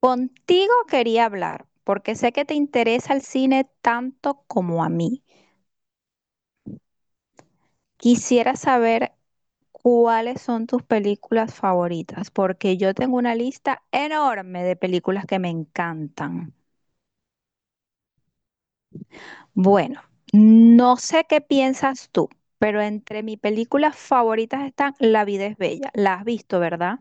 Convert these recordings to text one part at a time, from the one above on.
Contigo quería hablar, porque sé que te interesa el cine tanto como a mí. Quisiera saber cuáles son tus películas favoritas, porque yo tengo una lista enorme de películas que me encantan. Bueno, no sé qué piensas tú, pero entre mis películas favoritas están La vida es bella. La has visto, ¿verdad?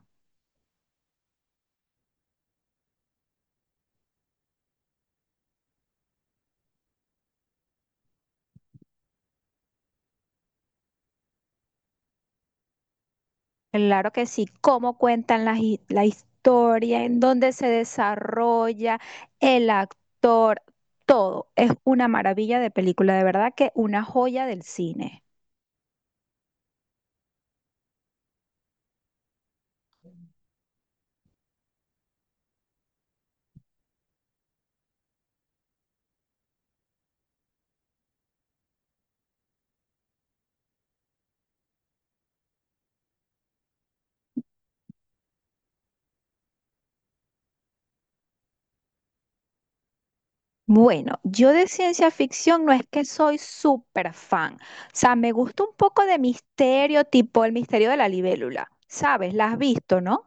Claro que sí, cómo cuentan la historia, en dónde se desarrolla el actor, todo. Es una maravilla de película, de verdad que una joya del cine. Bueno, yo de ciencia ficción no es que soy súper fan, o sea, me gusta un poco de misterio, tipo el misterio de la libélula, ¿sabes? ¿La has visto, no?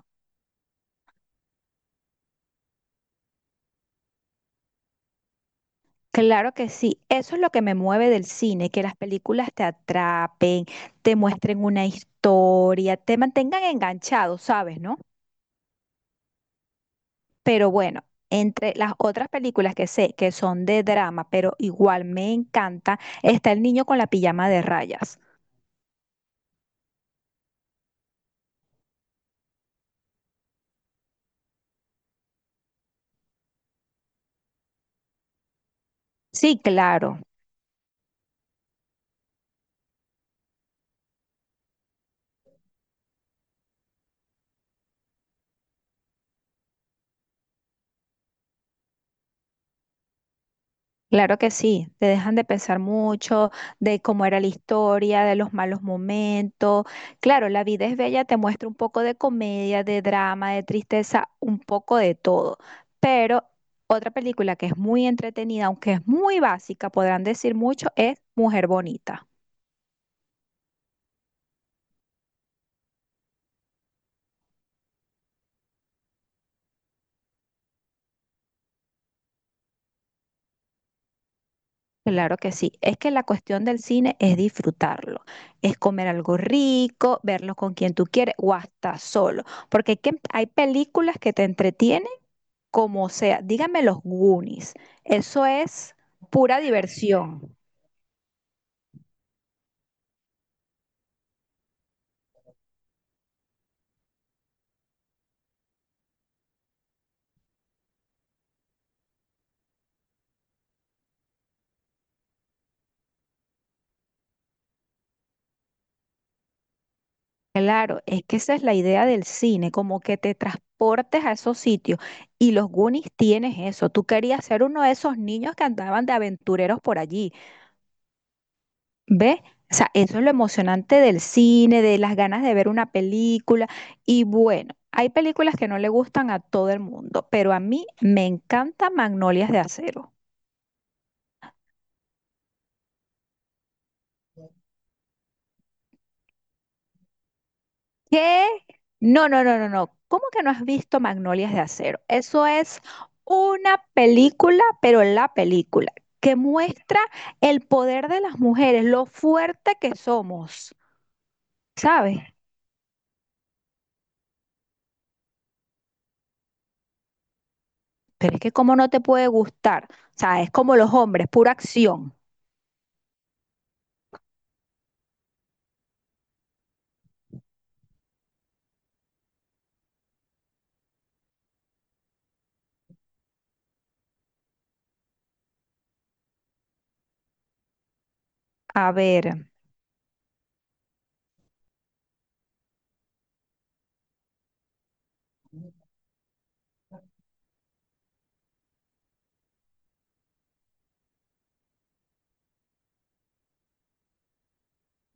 Claro que sí, eso es lo que me mueve del cine, que las películas te atrapen, te muestren una historia, te mantengan enganchado, ¿sabes, no? Pero bueno, entre las otras películas que sé que son de drama, pero igual me encanta, está El niño con la pijama de rayas. Sí, claro. Claro que sí, te dejan de pensar mucho de cómo era la historia, de los malos momentos. Claro, La vida es bella te muestra un poco de comedia, de drama, de tristeza, un poco de todo. Pero otra película que es muy entretenida, aunque es muy básica, podrán decir mucho, es Mujer Bonita. Claro que sí. Es que la cuestión del cine es disfrutarlo, es comer algo rico, verlo con quien tú quieres o hasta solo, porque hay películas que te entretienen como sea. Dígame los Goonies, eso es pura diversión. Claro, es que esa es la idea del cine, como que te transportes a esos sitios y los Goonies tienes eso. Tú querías ser uno de esos niños que andaban de aventureros por allí. ¿Ve? O sea, eso es lo emocionante del cine, de las ganas de ver una película. Y bueno, hay películas que no le gustan a todo el mundo, pero a mí me encanta Magnolias de Acero. ¿Qué? No, no, no, no, no. ¿Cómo que no has visto Magnolias de Acero? Eso es una película, pero la película, que muestra el poder de las mujeres, lo fuerte que somos, ¿sabes? Pero es que cómo no te puede gustar. O sea, es como los hombres, pura acción. A ver,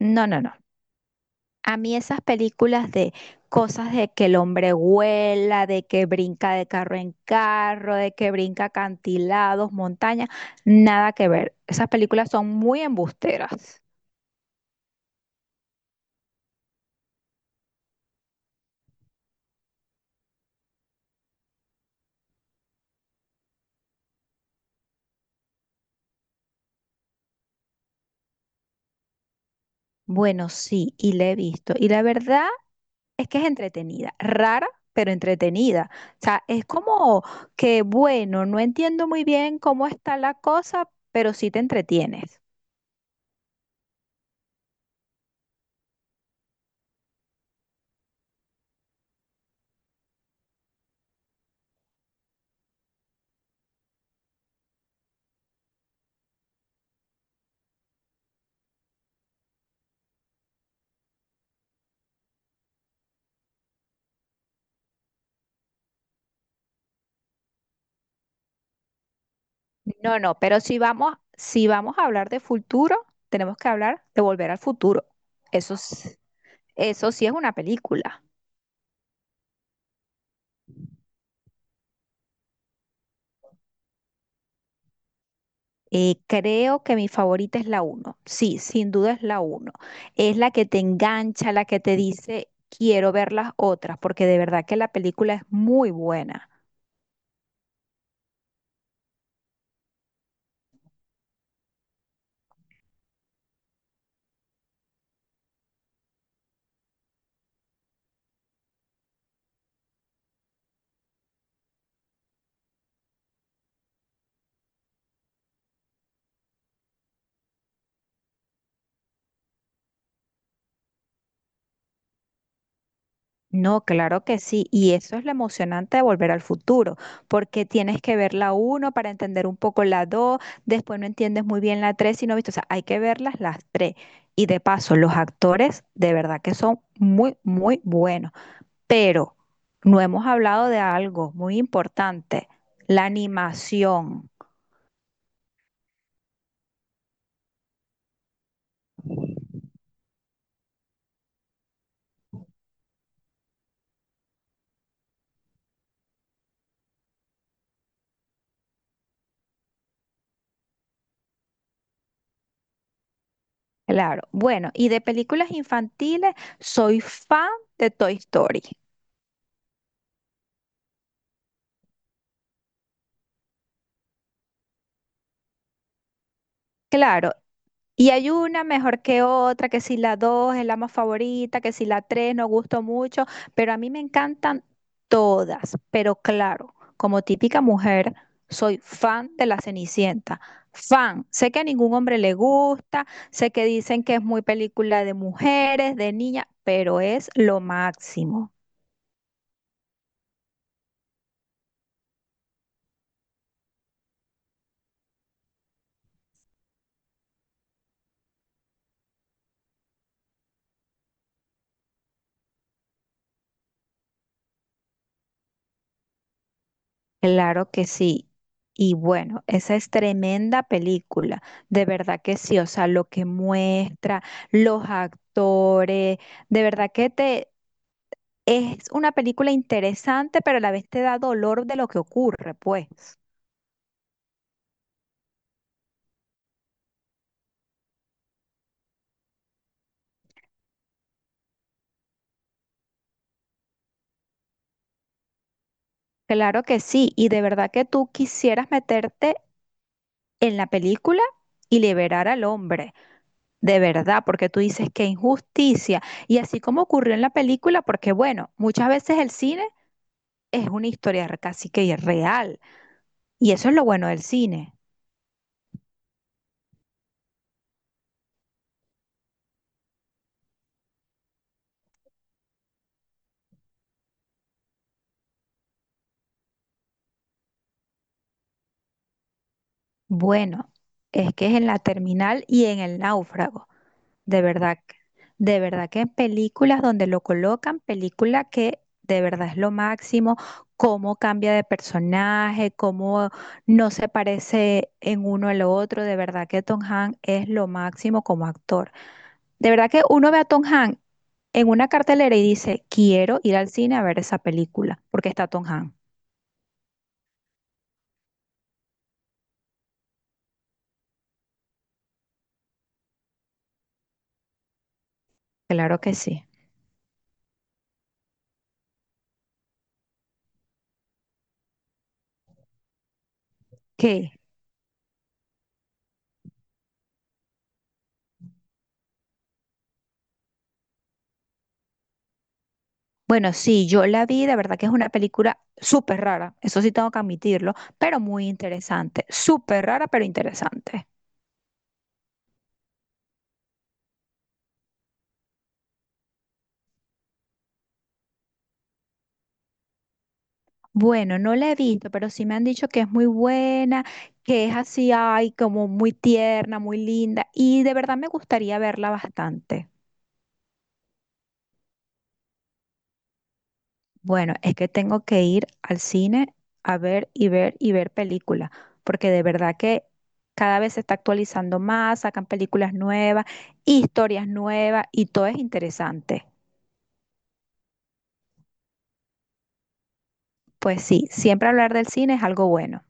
no, no, no. A mí esas películas de cosas de que el hombre vuela, de que brinca de carro en carro, de que brinca acantilados, montañas, nada que ver. Esas películas son muy embusteras. Bueno, sí, y la he visto. Y la verdad... Es que es entretenida, rara, pero entretenida. O sea, es como que, bueno, no entiendo muy bien cómo está la cosa, pero sí te entretienes. No, no, pero si vamos a hablar de futuro, tenemos que hablar de Volver al Futuro. Eso, s- eso sí es una película. Creo que mi favorita es la uno. Sí, sin duda es la uno. Es la que te engancha, la que te dice, quiero ver las otras, porque de verdad que la película es muy buena. No, claro que sí. Y eso es lo emocionante de Volver al Futuro, porque tienes que ver la uno para entender un poco la 2, después no entiendes muy bien la tres y no viste. O sea, hay que verlas las tres. Y de paso, los actores de verdad que son muy, muy buenos. Pero no hemos hablado de algo muy importante, la animación. Claro. Bueno, y de películas infantiles, soy fan de Toy Story. Claro, y hay una mejor que otra, que si la dos es la más favorita, que si la tres no gustó mucho, pero a mí me encantan todas. Pero claro, como típica mujer, soy fan de la Cenicienta. Fan. Sé que a ningún hombre le gusta, sé que dicen que es muy película de mujeres, de niñas, pero es lo máximo. Claro que sí. Y bueno, esa es tremenda película, de verdad que sí, o sea, lo que muestra, los actores, de verdad que te es una película interesante, pero a la vez te da dolor de lo que ocurre, pues. Claro que sí, y de verdad que tú quisieras meterte en la película y liberar al hombre, de verdad, porque tú dices qué injusticia. Y así como ocurrió en la película, porque bueno, muchas veces el cine es una historia casi que real. Y eso es lo bueno del cine. Bueno, es que es en la terminal y en el náufrago. De verdad, de verdad que en películas donde lo colocan, película que de verdad es lo máximo, cómo cambia de personaje, cómo no se parece en uno al otro. De verdad que Tom Hanks es lo máximo como actor. De verdad que uno ve a Tom Hanks en una cartelera y dice, quiero ir al cine a ver esa película, porque está Tom Hanks. Claro que sí. ¿Qué? Bueno, sí, yo la vi, de verdad que es una película súper rara, eso sí tengo que admitirlo, pero muy interesante, súper rara, pero interesante. Bueno, no la he visto, pero sí me han dicho que es muy buena, que es así, ay, como muy tierna, muy linda, y de verdad me gustaría verla bastante. Bueno, es que tengo que ir al cine a ver y ver y ver películas, porque de verdad que cada vez se está actualizando más, sacan películas nuevas, historias nuevas y todo es interesante. Pues sí, siempre hablar del cine es algo bueno.